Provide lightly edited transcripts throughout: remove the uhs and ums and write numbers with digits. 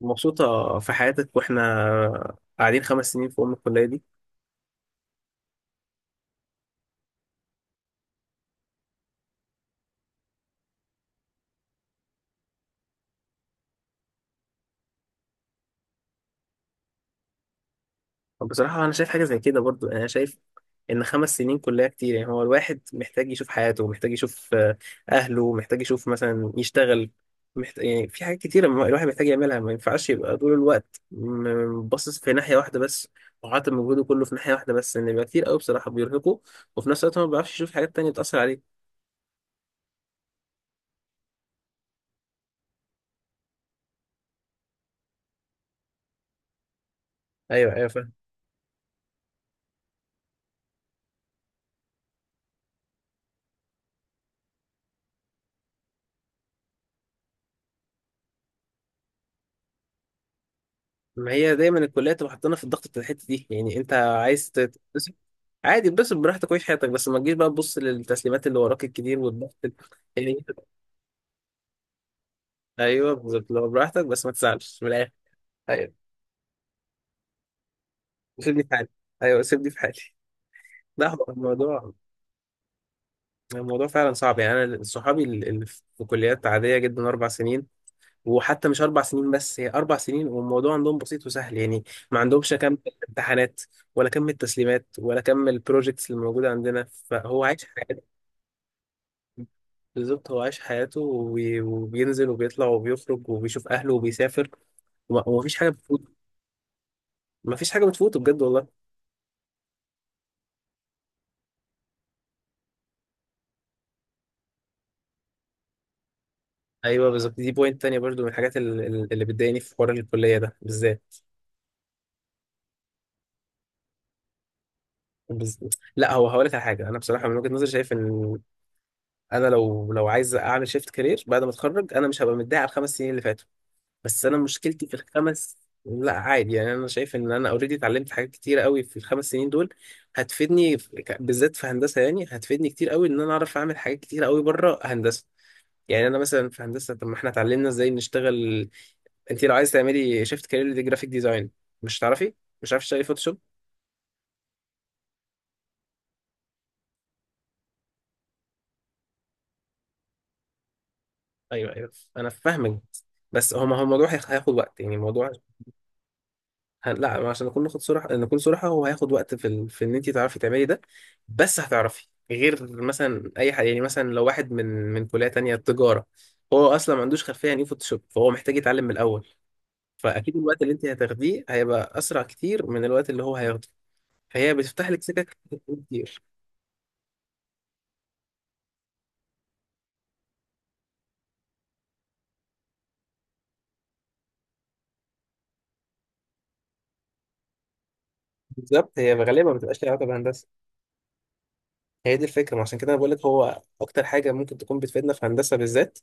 مبسوطة في حياتك واحنا قاعدين 5 سنين في أم الكلية دي؟ طب بصراحة أنا شايف حاجة زي كده برضو، يعني أنا شايف إن 5 سنين كلية كتير. يعني هو الواحد محتاج يشوف حياته، محتاج يشوف أهله، محتاج يشوف مثلا يشتغل، محتاج، يعني في حاجات كتيرة الواحد محتاج يعملها. ما ينفعش يبقى طول الوقت باصص في ناحية واحدة بس، وحاطط مجهوده كله في ناحية واحدة بس، إن بيبقى كتير أوي، بصراحة بيرهقه. وفي نفس الوقت هو ما بيعرفش يشوف حاجات تانية بتأثر عليه. أيوه، أيوه، فاهم. ما هي دايما الكليه تبقى حاطانا في الضغط بتاع الحته دي. يعني انت عايز تتبسط، عادي اتبسط براحتك وعيش حياتك، بس ما تجيش بقى تبص للتسليمات اللي وراك الكتير والضغط يعني. ايوه بالظبط، لو براحتك بس ما تزعلش من الاخر. ايوه، سيبني في حالي. ايوه، سيبني في حالي. لا، هو الموضوع، الموضوع فعلا صعب. يعني انا صحابي اللي في كليات عاديه جدا، 4 سنين. وحتى مش 4 سنين، بس هي 4 سنين. والموضوع عندهم بسيط وسهل، يعني ما عندهمش كم امتحانات، ولا كم التسليمات، ولا كم البروجيكتس اللي موجوده عندنا. فهو عايش، بالظبط، هو عايش حياته، وبينزل وبيطلع وبيخرج وبيشوف أهله وبيسافر، ومفيش حاجة بتفوت. مفيش حاجة بتفوته بجد والله. أيوه، بالظبط. دي بوينت تانية برضو من الحاجات اللي بتضايقني في حوار الكلية ده بالذات. بز... لا، هو هقول لك على حاجة. أنا بصراحة من وجهة نظري شايف إن أنا لو عايز أعمل شيفت كارير بعد ما أتخرج، أنا مش هبقى متضايق على ال5 سنين اللي فاتوا. بس انا مشكلتي في الخمس. لا عادي، يعني انا شايف ان انا اوريدي اتعلمت حاجات كتير قوي في ال5 سنين دول. هتفيدني بالذات في هندسه. يعني هتفيدني كتير قوي ان انا اعرف اعمل حاجات كتير قوي بره هندسه. يعني انا مثلا في هندسه، طب ما احنا اتعلمنا ازاي نشتغل. انت لو عايز تعملي شيفت كارير دي جرافيك ديزاين، مش هتعرفي، مش عارف تشتغلي فوتوشوب. ايوه ايوه، انا فاهمك. بس هو، ما هو الموضوع هياخد وقت، يعني الموضوع. لا، عشان نكون ناخد صراحة، نكون صراحة، هو هياخد وقت في ان انت تعرفي تعملي ده. بس هتعرفي غير مثلا اي حاجة. يعني مثلا لو واحد من كلية تانية تجارة، هو اصلا ما عندوش خلفية عن ايه فوتوشوب، فهو محتاج يتعلم من الاول. فاكيد الوقت اللي انت هتاخديه هيبقى اسرع كتير من الوقت اللي هو هياخده. فهي بتفتح لك سكك كتير. بالظبط، هي غالبا ما بتبقاش ليها علاقة بهندسة. هي دي الفكرة. ما عشان كده انا بقول لك هو اكتر حاجة ممكن تكون بتفيدنا في هندسة بالذات،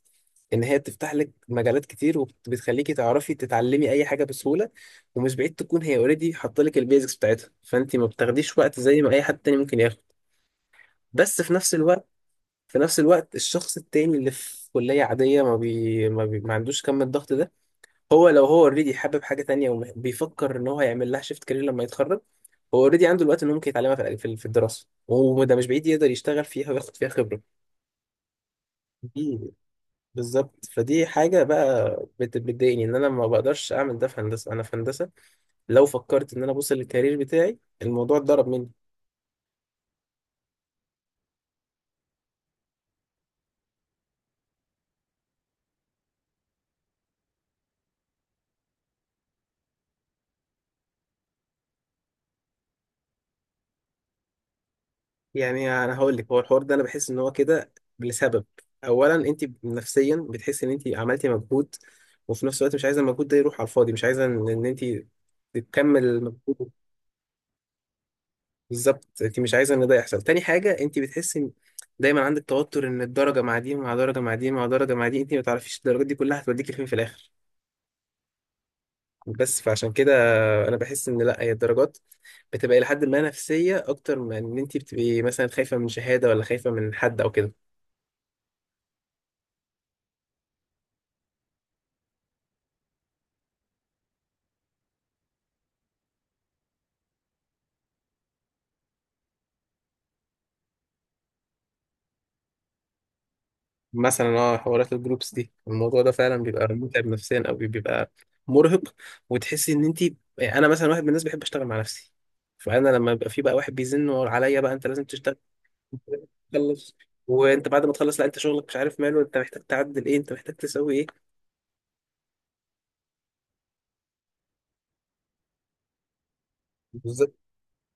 ان هي بتفتح لك مجالات كتير وبتخليكي تعرفي تتعلمي اي حاجة بسهولة. ومش بعيد تكون هي اوريدي حاطه لك البيزكس بتاعتها، فانت ما بتاخديش وقت زي ما اي حد تاني ممكن ياخد. بس في نفس الوقت، في نفس الوقت الشخص التاني اللي في كلية عادية ما عندوش كم الضغط ده. هو لو هو اوريدي حابب حاجة تانية وبيفكر ان هو هيعمل لها شيفت كارير لما يتخرج، هو اوريدي عنده الوقت انه ممكن يتعلمها في الدراسة. وده مش بعيد يقدر يشتغل فيها وياخد فيها خبرة. دي بالظبط. فدي حاجة بقى بتضايقني، ان انا ما بقدرش اعمل ده في هندسة. انا في هندسة لو فكرت ان انا ابص للكارير بتاعي، الموضوع اتضرب مني. يعني انا هقول لك هو الحوار ده انا بحس ان هو كده لسبب. اولا انت نفسيا بتحس ان انت عملتي مجهود، وفي نفس الوقت مش عايزة المجهود ده يروح على الفاضي، مش عايزة إن انت تكمل المجهود. بالظبط، انت مش عايزة ان ده يحصل. تاني حاجة، انت بتحسي إن دايما عندك توتر، ان الدرجة مع دي مع درجة مع دي مع درجة مع دي، انت ما تعرفيش الدرجات دي كلها هتوديكي فين في الاخر. بس فعشان كده انا بحس ان لا، هي الدرجات بتبقى لحد ما نفسيه اكتر من ان انت بتبقي مثلا خايفه من شهاده ولا خايفه من حد او كده. مثلا اه، حوارات الجروبس دي، الموضوع ده فعلا بيبقى متعب نفسيا، او بيبقى مرهق. وتحسي ان انت، انا مثلا واحد من الناس بحب اشتغل مع نفسي. فانا لما يبقى في بقى واحد بيزن عليا بقى انت لازم تشتغل، أنت لازم تخلص. وانت بعد ما تخلص، لا، انت شغلك مش عارف ماله، انت محتاج تعدل ايه، انت محتاج تسوي ايه.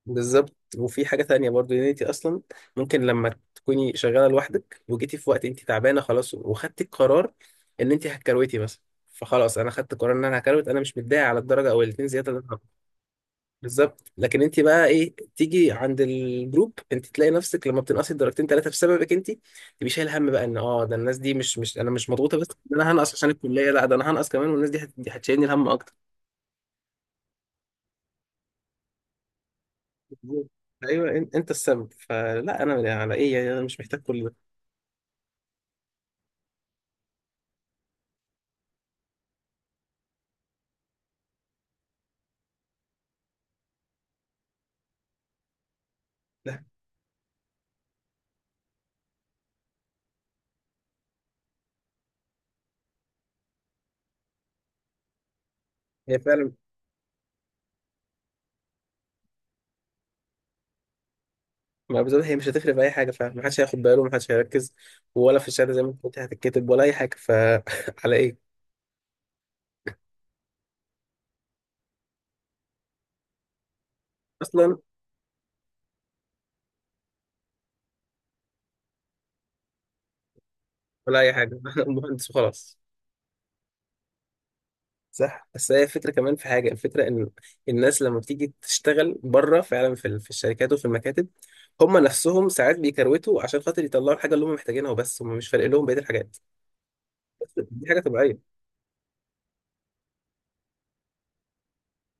بالظبط. وفي حاجة تانية برضو، ان انت اصلا ممكن لما تكوني شغالة لوحدك وجيتي في وقت انت تعبانة خلاص وخدتي القرار ان انت هتكروتي مثلا. فخلاص، انا خدت قرار ان انا هكروت، انا مش متضايق على الدرجة او الاتنين زيادة اللي أنا هاخدهم. بالظبط. لكن انت بقى ايه، تيجي عند الجروب انت تلاقي نفسك لما بتنقصي درجتين ثلاثة بسببك انت، تبقي شايل هم بقى ان اه ده الناس دي مش انا، مش مضغوطة بس ان انا هنقص عشان الكلية، لا، ده انا هنقص كمان والناس دي دي هتشيلني الهم اكتر. بالظبط. ايوه، انت السبب. فلا، انا على ايه؟ يعني انا مش محتاج كل ده. هي فعلا، ما بالظبط هي مش هتفرق في اي حاجه فعلا، محدش هياخد باله ومحدش هيركز. ولا في الشهاده زي ما انت قلت هتتكتب، ولا اي حاجه. فعلى ايه اصلا؟ ولا اي حاجه. مهندس وخلاص. صح. بس هي الفكره كمان، في حاجه، الفكره ان الناس لما بتيجي تشتغل بره فعلا في الشركات وفي المكاتب، هم نفسهم ساعات بيكروتوا عشان خاطر يطلعوا الحاجه اللي هم محتاجينها وبس، هم مش فارق لهم بقيه الحاجات. دي حاجه طبيعيه.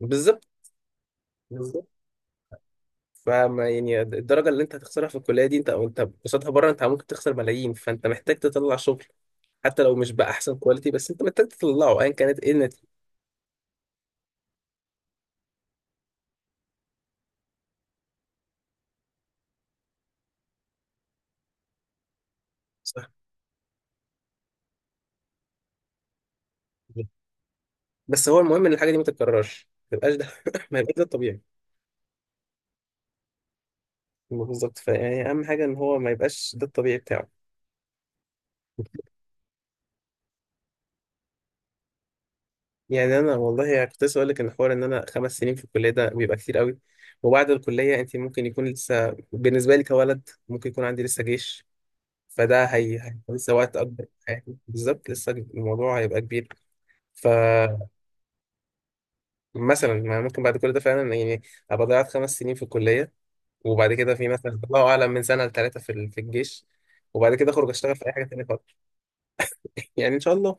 بالظبط. بالظبط. فما يعني الدرجه اللي انت هتخسرها في الكليه دي، انت او انت قصادها بره، انت ممكن تخسر ملايين. فانت محتاج تطلع شغل حتى لو مش بأحسن كواليتي، بس انت محتاج تطلعه ايا كانت ايه النتيجه. صح. بس هو المهم ان الحاجه دي ما تتكررش، ما تبقاش ده ما يبقاش ده الطبيعي. بالظبط. فيعني اهم حاجه ان هو ما يبقاش ده الطبيعي بتاعه. يعني انا والله، يعني كنت لسه اقول لك ان حوار ان انا 5 سنين في الكليه ده بيبقى كتير قوي. وبعد الكليه انت ممكن يكون لسه، بالنسبه لي كولد ممكن يكون عندي لسه جيش. فده لسه وقت اكبر. يعني بالظبط، لسه الموضوع هيبقى كبير. فمثلا، ما ممكن بعد كل ده فعلا، يعني ابقى ضيعت 5 سنين في الكليه، وبعد كده في مثلا الله اعلم من سنه لثلاثه في الجيش، وبعد كده اخرج اشتغل في اي حاجه تانيه خالص. يعني ان شاء الله.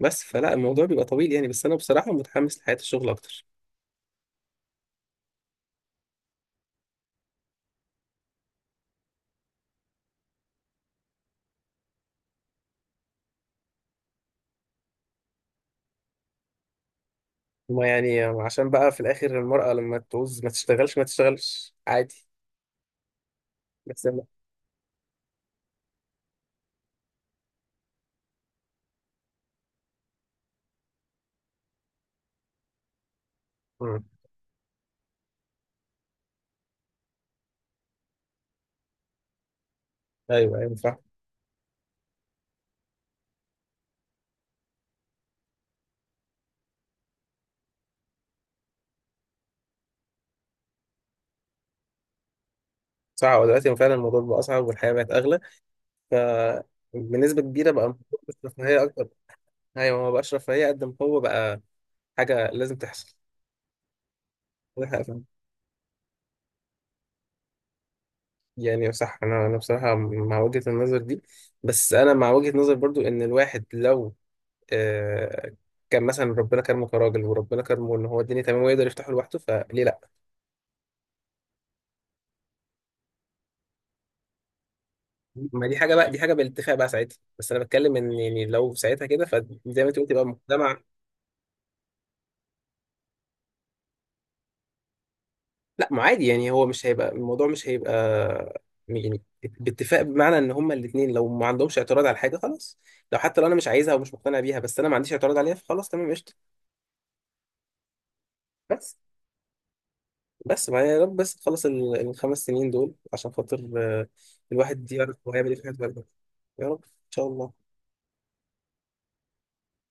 بس فلا، الموضوع بيبقى طويل يعني، بس انا بصراحه متحمس لحياه الشغل اكتر. ما يعني عشان بقى في الاخر، المراه لما تعوز ما تشتغلش ما تشتغلش عادي. بس أنا- مم. ايوه ايوه، صح. صح، هو دلوقتي فعلا الموضوع بقى اصعب والحياه بقت اغلى. ف بنسبه كبيره بقى الموضوع مش رفاهيه اكتر. ايوه، ما بقاش رفاهيه قد ما هو بقى حاجه لازم تحصل. يعني صح. انا بصراحه مع وجهه النظر دي. بس انا مع وجهه نظر برضو ان الواحد لو، آه كان مثلا ربنا كرمه كراجل، وربنا كرمه ان هو الدنيا تمام ويقدر يفتحه لوحده، فليه لا؟ ما دي حاجه بقى، دي حاجه بالاتفاق بقى ساعتها. بس انا بتكلم ان يعني لو ساعتها كده، فزي ما انت قلت يبقى المجتمع. لا، ما عادي، يعني هو مش هيبقى، الموضوع مش هيبقى، يعني باتفاق بمعنى ان هما الاثنين لو ما عندهمش اعتراض على حاجه خلاص. لو حتى لو انا مش عايزها ومش مقتنع بيها، بس انا ما عنديش اعتراض عليها، فخلاص تمام قشطه. بس، بس ما يا رب بس تخلص ال5 سنين دول عشان خاطر الواحد يعرف هو هيعمل ايه في حياته بعد كده. يا رب ان شاء الله.